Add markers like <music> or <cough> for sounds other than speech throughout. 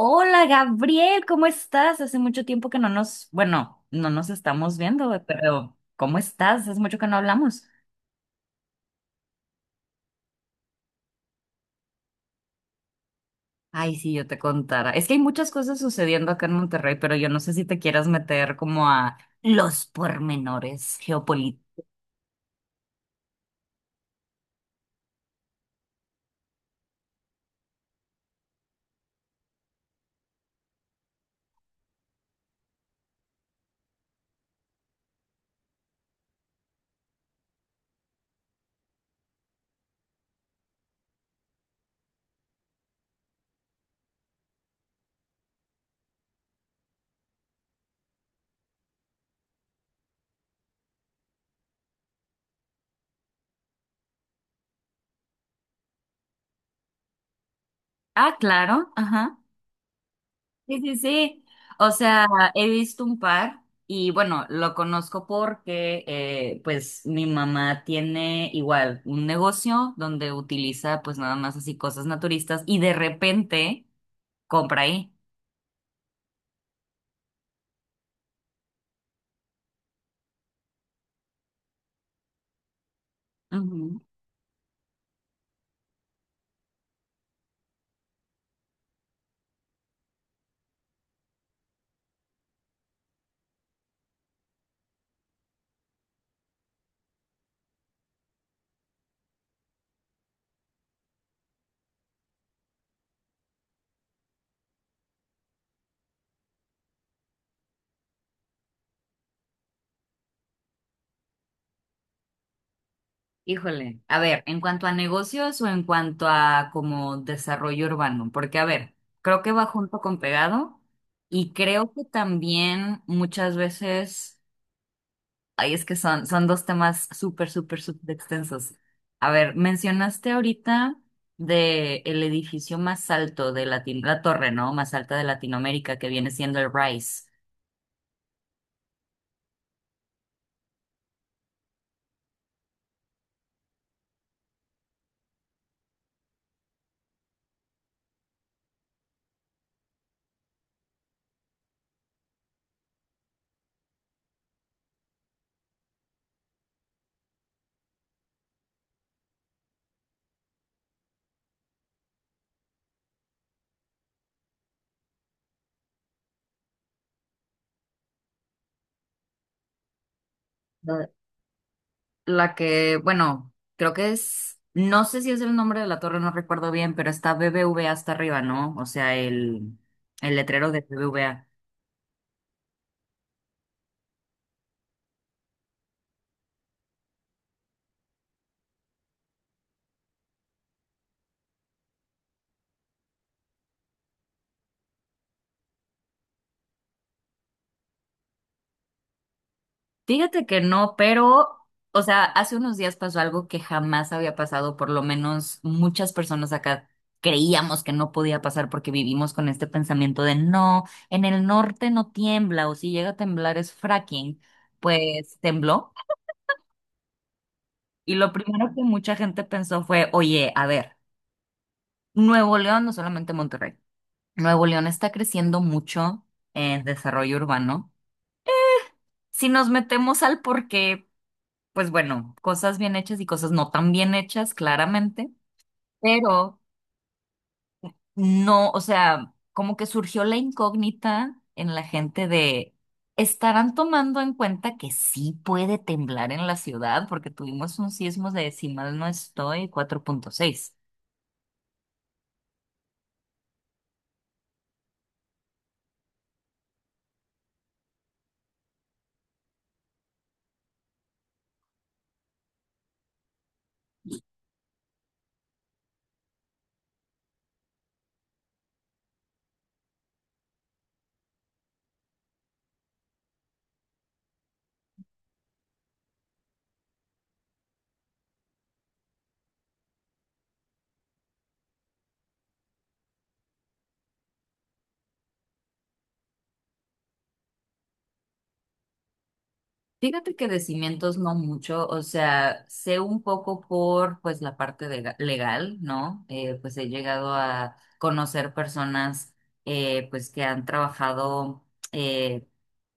Hola Gabriel, ¿cómo estás? Hace mucho tiempo que no nos, bueno, no nos estamos viendo, güey, pero ¿cómo estás? Hace mucho que no hablamos. Ay, sí, yo te contara. Es que hay muchas cosas sucediendo acá en Monterrey, pero yo no sé si te quieras meter como a los pormenores geopolíticos. Ah, claro, ajá. Sí, sí, sí. O sea, he visto un par y bueno, lo conozco porque pues mi mamá tiene igual un negocio donde utiliza pues nada más así cosas naturistas y de repente compra ahí. Ujú. Híjole. A ver, en cuanto a negocios o en cuanto a como desarrollo urbano, porque a ver, creo que va junto con pegado y creo que también muchas veces ay, es que son, son dos temas súper, súper, súper extensos. A ver, mencionaste ahorita de el edificio más alto de Latin, la torre, ¿no? Más alta de Latinoamérica, que viene siendo el Rice. La la que, bueno, creo que es, no sé si es el nombre de la torre, no recuerdo bien, pero está BBVA hasta arriba, ¿no? O sea, el letrero de BBVA. Fíjate que no, pero, o sea, hace unos días pasó algo que jamás había pasado, por lo menos muchas personas acá creíamos que no podía pasar porque vivimos con este pensamiento de no, en el norte no tiembla o si llega a temblar es fracking, pues tembló. Y lo primero que mucha gente pensó fue, oye, a ver, Nuevo León, no solamente Monterrey, Nuevo León está creciendo mucho en desarrollo urbano. Si nos metemos al porqué pues bueno, cosas bien hechas y cosas no tan bien hechas, claramente, pero no, o sea, como que surgió la incógnita en la gente de, ¿estarán tomando en cuenta que sí puede temblar en la ciudad? Porque tuvimos un sismo de, si mal no estoy, cuatro punto seis. Fíjate que de cimientos no mucho, o sea, sé un poco por pues la parte de- legal, ¿no? Pues he llegado a conocer personas pues que han trabajado eh,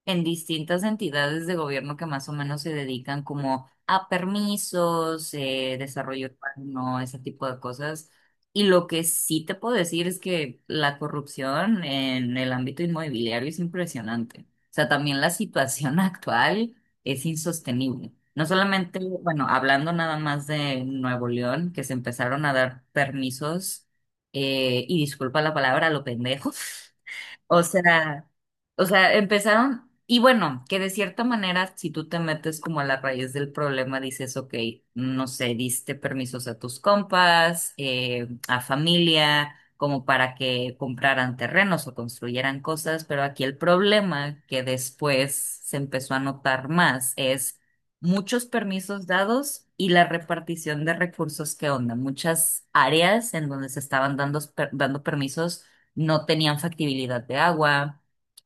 en distintas entidades de gobierno que más o menos se dedican como a permisos, desarrollo urbano, ese tipo de cosas. Y lo que sí te puedo decir es que la corrupción en el ámbito inmobiliario es impresionante. O sea, también la situación <laughs> actual es insostenible. No solamente, bueno, hablando nada más de Nuevo León, que se empezaron a dar permisos, y disculpa la palabra, a lo pendejo. O sea, o sea, empezaron, y bueno, que de cierta manera, si tú te metes como a la raíz del problema, dices, ok, no sé, diste permisos a tus compas, a familia, como para que compraran terrenos o construyeran cosas, pero aquí el problema que después se empezó a notar más es muchos permisos dados y la repartición de recursos que onda, muchas áreas en donde se estaban dando, dando permisos no tenían factibilidad de agua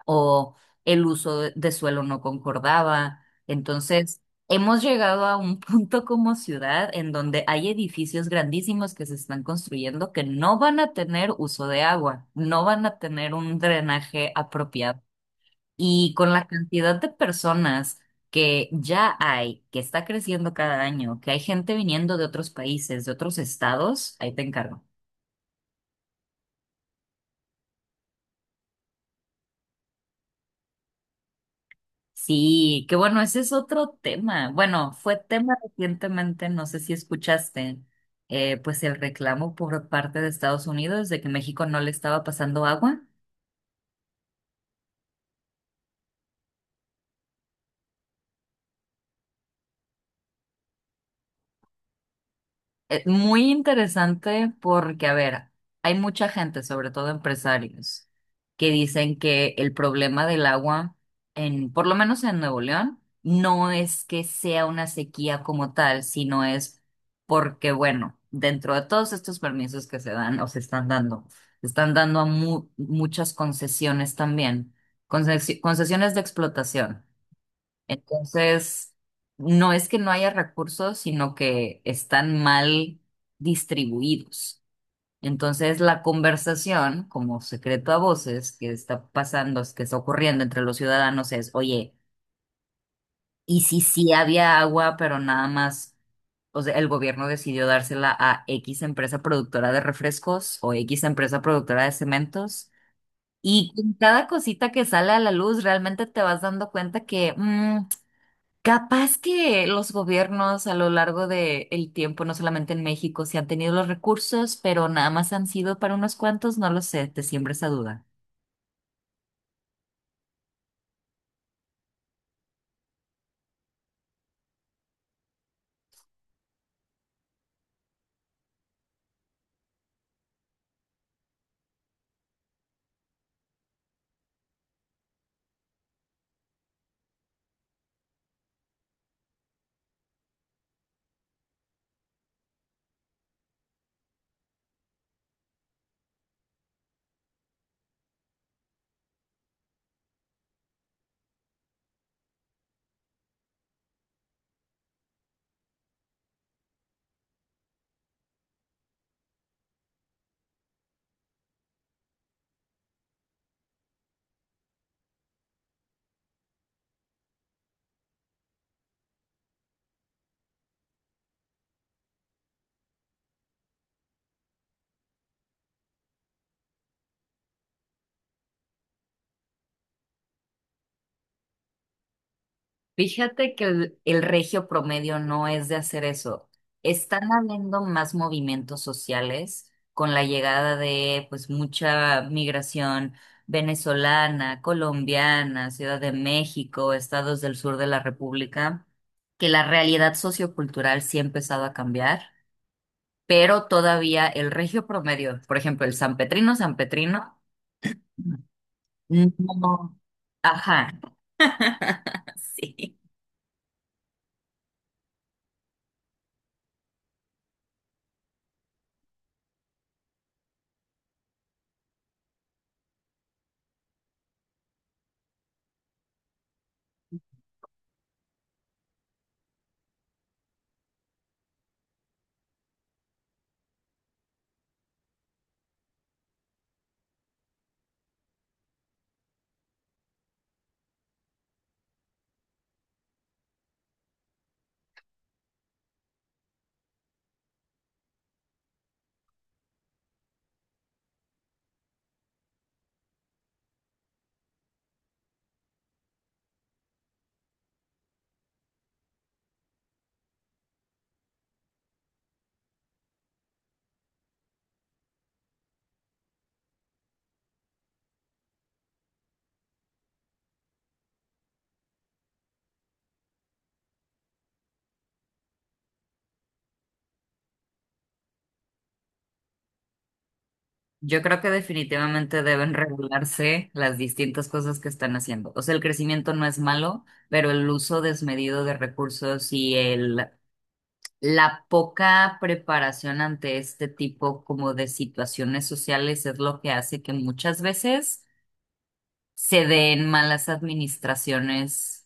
o el uso de suelo no concordaba. Entonces, hemos llegado a un <laughs> punto como ciudad en donde hay edificios grandísimos que se están construyendo que no van a tener uso de agua, no van a tener un drenaje apropiado. Y con la cantidad de personas que ya hay, que está creciendo cada año, que hay gente viniendo de otros países, de otros estados, ahí te encargo. Sí, que bueno, ese es otro tema. Bueno, fue tema recientemente, no sé si escuchaste, pues el reclamo por parte de Estados Unidos de que México no le estaba pasando agua. Muy interesante porque, a ver, hay mucha gente, sobre todo empresarios, que dicen que el problema del agua, en, por lo menos en Nuevo León, no es que sea una sequía como tal, sino es porque, bueno, dentro de todos estos permisos que se dan o se están dando a muchas concesiones también, concesiones de explotación. Entonces, no es que no haya recursos, sino que están mal distribuidos. Entonces, la conversación, como secreto a voces, que está pasando, que está ocurriendo entre los ciudadanos es, oye, ¿y si sí había agua, pero nada más, o sea, el gobierno decidió dársela a X empresa productora de refrescos o X empresa productora de cementos? Y con cada cosita que sale a la luz, realmente te vas dando cuenta que... capaz que los gobiernos a lo largo del tiempo, no solamente en México, se han tenido los recursos, pero nada más han sido para unos cuantos, no lo sé, te siembra esa duda. Fíjate que el regio promedio no es de hacer eso. Están habiendo más movimientos sociales con la llegada de pues mucha migración venezolana, colombiana, Ciudad de México, estados del sur de la República, que la realidad sociocultural sí ha empezado a cambiar. Pero todavía el regio promedio, por ejemplo, el sanpetrino, sanpetrino, no. Ajá, <laughs> sí. Yo creo que definitivamente deben regularse las distintas cosas que están haciendo. O sea, el crecimiento no es malo, pero el uso desmedido de recursos y el, la poca preparación ante este tipo como de situaciones sociales es lo que hace que muchas veces se den malas administraciones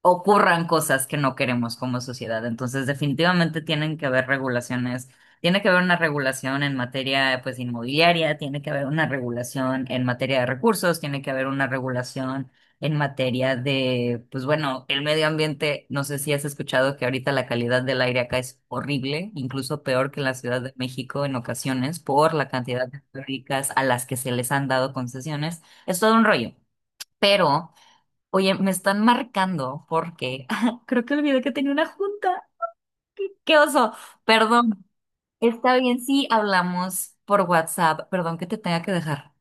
ocurran cosas que no queremos como sociedad. Entonces, definitivamente tienen que haber regulaciones. Tiene que haber una regulación en materia, pues, inmobiliaria, tiene que haber una regulación en materia de recursos, tiene que haber una regulación en materia de, pues, bueno, el medio ambiente. No sé si has escuchado que ahorita la calidad del aire acá es horrible, incluso peor que en la Ciudad de México en ocasiones por la cantidad de fábricas a las que se les han dado concesiones. Es todo un rollo, pero oye, me están marcando porque <laughs> creo que olvidé que tenía una junta. ¡Qué, qué oso! Perdón. Está bien, sí, hablamos por WhatsApp. Perdón que te tenga que dejar.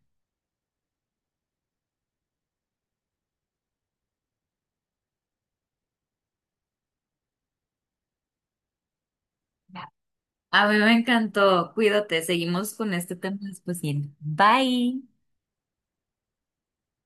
A mí me encantó. Cuídate. Seguimos con este tema después. Bye.